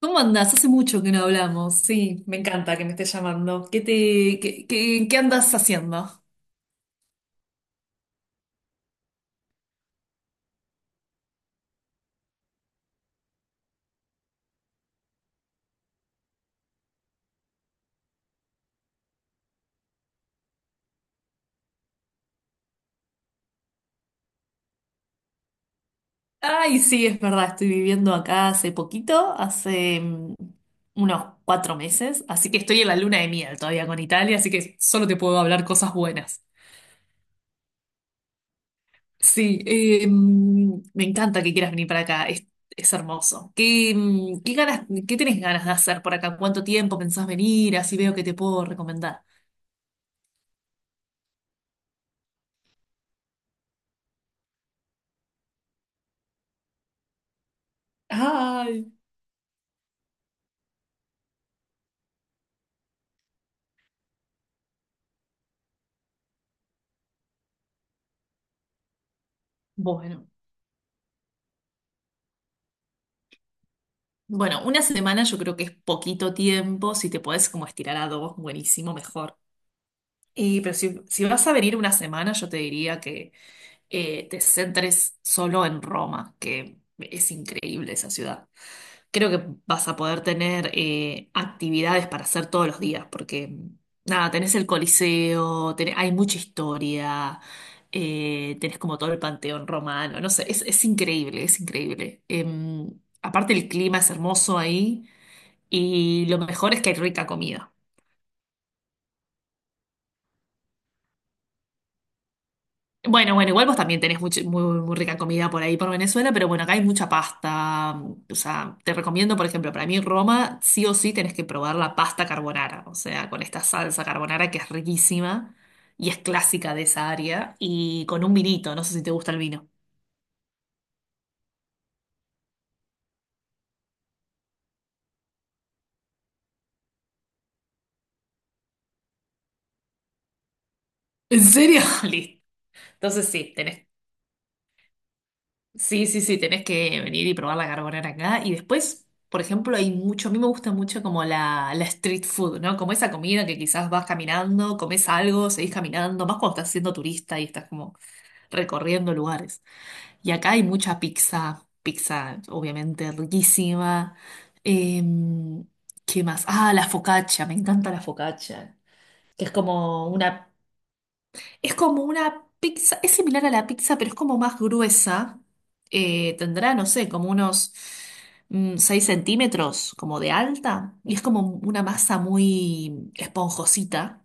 ¿Cómo andás? Hace mucho que no hablamos. Sí, me encanta que me estés llamando. ¿Qué te, qué andas haciendo? Ay, sí, es verdad, estoy viviendo acá hace poquito, hace unos cuatro meses, así que estoy en la luna de miel todavía con Italia, así que solo te puedo hablar cosas buenas. Sí, me encanta que quieras venir para acá, es hermoso. ¿ qué ganas, qué tenés ganas de hacer por acá? ¿Cuánto tiempo pensás venir? Así veo que te puedo recomendar. Ay, bueno. Bueno, una semana yo creo que es poquito tiempo. Si te puedes como estirar a dos, buenísimo, mejor. Y, pero si vas a venir una semana, yo te diría que te centres solo en Roma, que es increíble esa ciudad. Creo que vas a poder tener actividades para hacer todos los días, porque nada, tenés el Coliseo, hay mucha historia, tenés como todo el panteón romano, no sé, es increíble, es increíble. Aparte el clima es hermoso ahí. Y lo mejor es que hay rica comida. Bueno, bueno, igual vos también muy, muy rica comida por ahí, por Venezuela, pero bueno, acá hay mucha pasta. O sea, te recomiendo, por ejemplo, para mí Roma, sí o sí tenés que probar la pasta carbonara, o sea, con esta salsa carbonara que es riquísima y es clásica de esa área, y con un vinito, no sé si te gusta el vino. ¿En serio? Listo. Entonces sí, tenés Sí, sí, sí, tenés que venir y probar la carbonara acá. Y después, por ejemplo, hay mucho, a mí me gusta mucho como la street food, ¿no? Como esa comida que quizás vas caminando, comes algo, seguís caminando, más cuando estás siendo turista y estás como recorriendo lugares. Y acá hay mucha pizza, pizza obviamente riquísima. Em, ¿Qué más? Ah, la focaccia, me encanta la focaccia, que es como una pizza, es similar a la pizza, pero es como más gruesa. Tendrá, no sé, como unos 6 centímetros, como de alta. Y es como una masa muy esponjosita.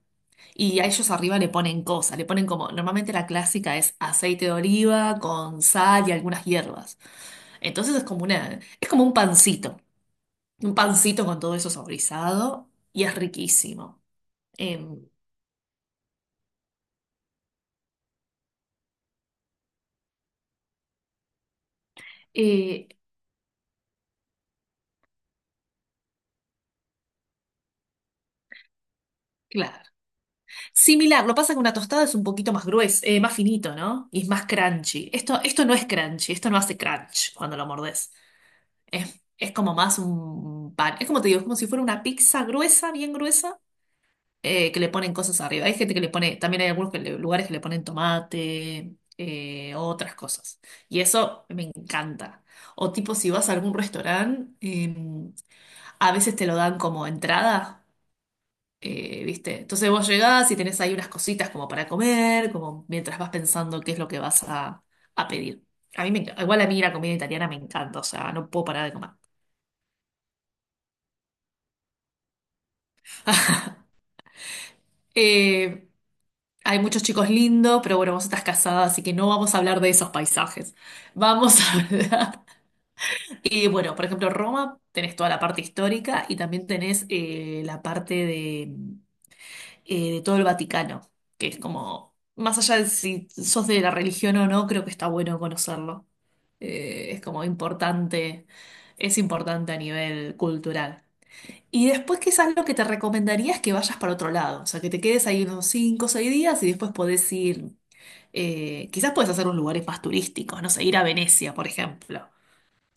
Y a ellos arriba le ponen cosas, le ponen como, normalmente la clásica es aceite de oliva con sal y algunas hierbas. Entonces es como una, es como un pancito con todo eso saborizado y es riquísimo. Em, eh, claro, similar, lo pasa que una tostada es un poquito más gruesa, más finito, ¿no? Y es más crunchy. Esto no es crunchy, esto no hace crunch cuando lo mordes. Es como más un pan. Es como te digo, es como si fuera una pizza gruesa, bien gruesa, que le ponen cosas arriba. Hay gente que le pone, también hay algunos lugares que le ponen tomate, otras cosas. Y eso me encanta. O tipo, si vas a algún restaurante, a veces te lo dan como entrada. ¿Viste? Entonces vos llegás y tenés ahí unas cositas como para comer, como mientras vas pensando qué es lo que vas a pedir. A mí me enc- Igual a mí la comida italiana me encanta, o sea, no puedo parar de comer. Eh, Hay muchos chicos lindos, pero bueno, vos estás casada, así que no vamos a hablar de esos paisajes. Vamos a hablar. Y bueno, por ejemplo, Roma, tenés toda la parte histórica y también tenés la parte de todo el Vaticano, que es como, más allá de si sos de la religión o no, creo que está bueno conocerlo. Es como importante, es importante a nivel cultural. Y después quizás lo que te recomendaría es que vayas para otro lado, o sea, que te quedes ahí unos 5 o 6 días y después podés ir, quizás puedes hacer unos lugares más turísticos, no sé, ir a Venecia, por ejemplo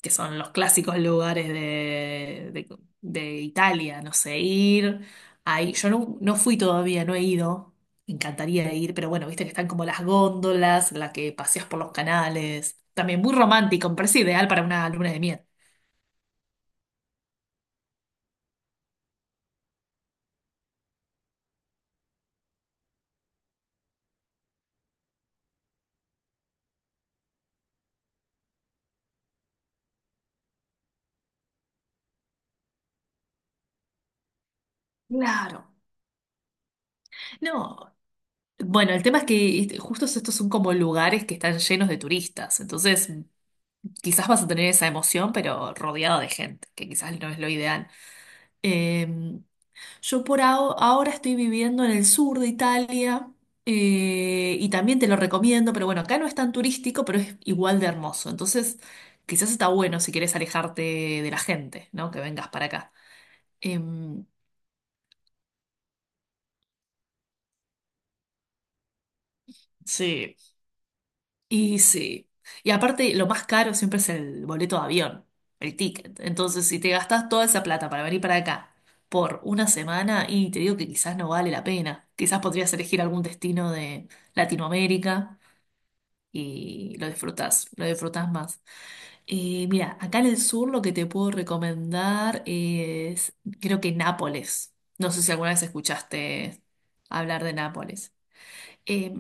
que son los clásicos lugares de, de Italia, no sé, ir ahí. Yo no, no fui todavía, no he ido. Me encantaría ir, pero bueno, viste que están como las góndolas, la que paseas por los canales. También muy romántico, me parece ideal para una luna de miel. Claro. No. Bueno, el tema es que este, justo estos son como lugares que están llenos de turistas, entonces quizás vas a tener esa emoción, pero rodeado de gente, que quizás no es lo ideal. Em, Yo ahora estoy viviendo en el sur de Italia, y también te lo recomiendo, pero bueno, acá no es tan turístico, pero es igual de hermoso. Entonces, quizás está bueno si quieres alejarte de la gente, ¿no? Que vengas para acá. Em, sí, y sí. Y aparte, lo más caro siempre es el boleto de avión, el ticket. Entonces, si te gastas toda esa plata para venir para acá por una semana, y te digo que quizás no vale la pena. Quizás podrías elegir algún destino de Latinoamérica. Y lo disfrutas más. Mira, acá en el sur lo que te puedo recomendar es, creo que Nápoles. No sé si alguna vez escuchaste hablar de Nápoles. Eh,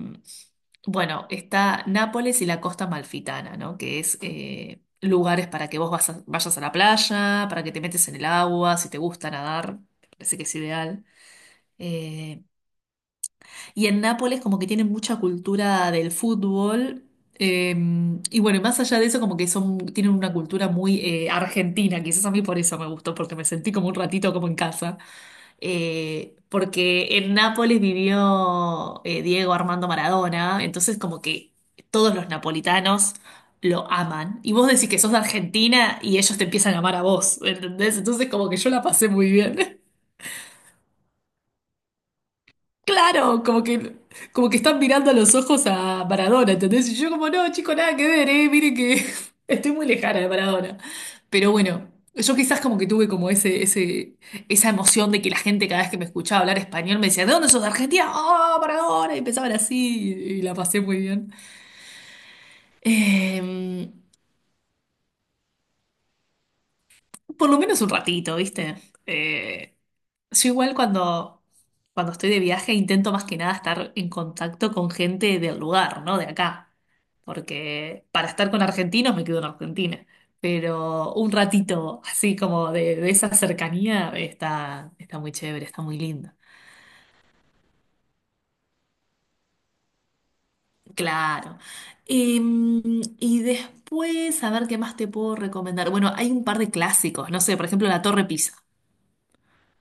bueno, está Nápoles y la costa malfitana, ¿no? Que es lugares para que vayas a la playa, para que te metes en el agua, si te gusta nadar, parece que es ideal. Eh, y en Nápoles como que tienen mucha cultura del fútbol. eh, y bueno, y más allá de eso, como que son, tienen una cultura muy argentina. Quizás a mí por eso me gustó, porque me sentí como un ratito como en casa. Porque en Nápoles vivió Diego Armando Maradona, entonces como que todos los napolitanos lo aman. Y vos decís que sos de Argentina y ellos te empiezan a amar a vos, ¿entendés? Entonces como que yo la pasé muy bien. Claro, como que están mirando a los ojos a Maradona, ¿entendés? Y yo como, no, chico, nada que ver, mire que estoy muy lejana de Maradona. Pero bueno, yo quizás como que tuve como esa emoción de que la gente cada vez que me escuchaba hablar español me decía, ¿de dónde sos? ¿De Argentina? ¡Oh, Maradona! Y empezaban así y la pasé muy bien. Eh, por lo menos un ratito, ¿viste? Eh, Yo igual cuando estoy de viaje intento más que nada estar en contacto con gente del lugar, ¿no? De acá. Porque para estar con argentinos me quedo en Argentina. Pero un ratito así como de esa cercanía está, está muy chévere, está muy lindo. Claro. Y después, a ver qué más te puedo recomendar. Bueno, hay un par de clásicos, no sé, por ejemplo, la Torre Pisa.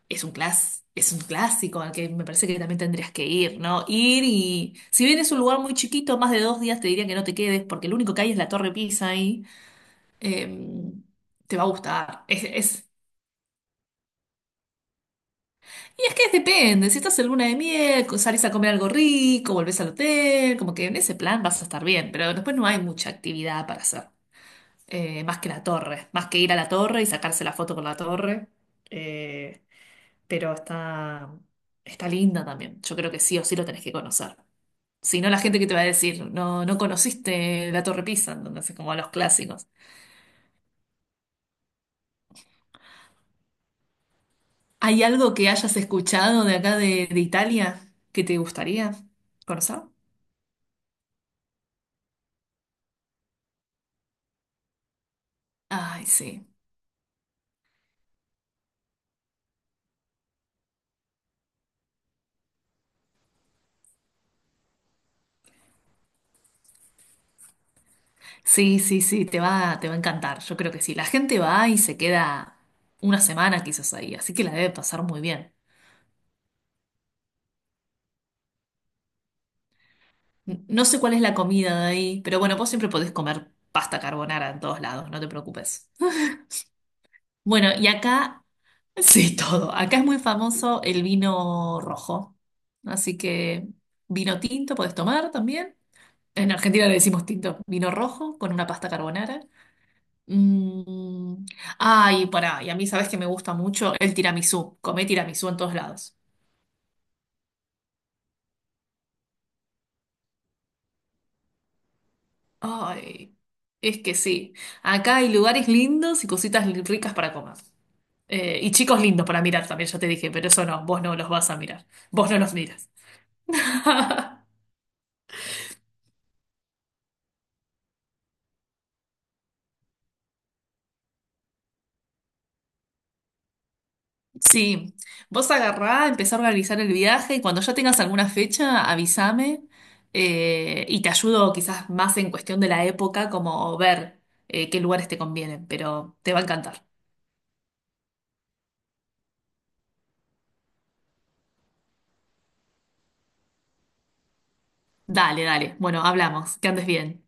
Es un clásico al que me parece que también tendrías que ir, ¿no? Ir y si bien es un lugar muy chiquito, más de dos días te diría que no te quedes porque lo único que hay es la Torre Pisa ahí. eh, Te va a gustar. Y es que depende, si estás en luna de miel, salís a comer algo rico, volvés al hotel, como que en ese plan vas a estar bien, pero después no hay mucha actividad para hacer. Más que la torre, más que ir a la torre y sacarse la foto con la torre. eh, pero está, está linda también. Yo creo que sí o sí lo tenés que conocer. Si no, la gente que te va a decir, no, no conociste la Torre Pisa, entonces como a los clásicos. ¿Hay algo que hayas escuchado de acá de Italia que te gustaría conocer? Ay, sí. Sí, sí, sí, te va a encantar. Yo creo que sí. La gente va y se queda una semana quizás ahí, así que la debe pasar muy bien. No sé cuál es la comida de ahí, pero bueno, vos siempre podés comer pasta carbonara en todos lados, no te preocupes. Bueno, y acá, sí, todo. Acá es muy famoso el vino rojo. Así que vino tinto puedes tomar también. En Argentina le decimos tinto, vino rojo con una pasta carbonara. Mm. Ay, pará, y a mí sabes que me gusta mucho el tiramisú. Comé tiramisú en todos lados. Ay, es que sí. Acá hay lugares lindos y ricas para comer. Y chicos lindos para mirar también, ya te dije, pero eso no, vos no los vas a mirar. Vos no los miras. Sí, vos agarrá, empezá a organizar el viaje y cuando ya tengas alguna fecha, avísame y te ayudo quizás más en cuestión de la época, como ver qué lugares te convienen, pero te va a encantar. Dale, dale. Bueno, hablamos. Que andes bien.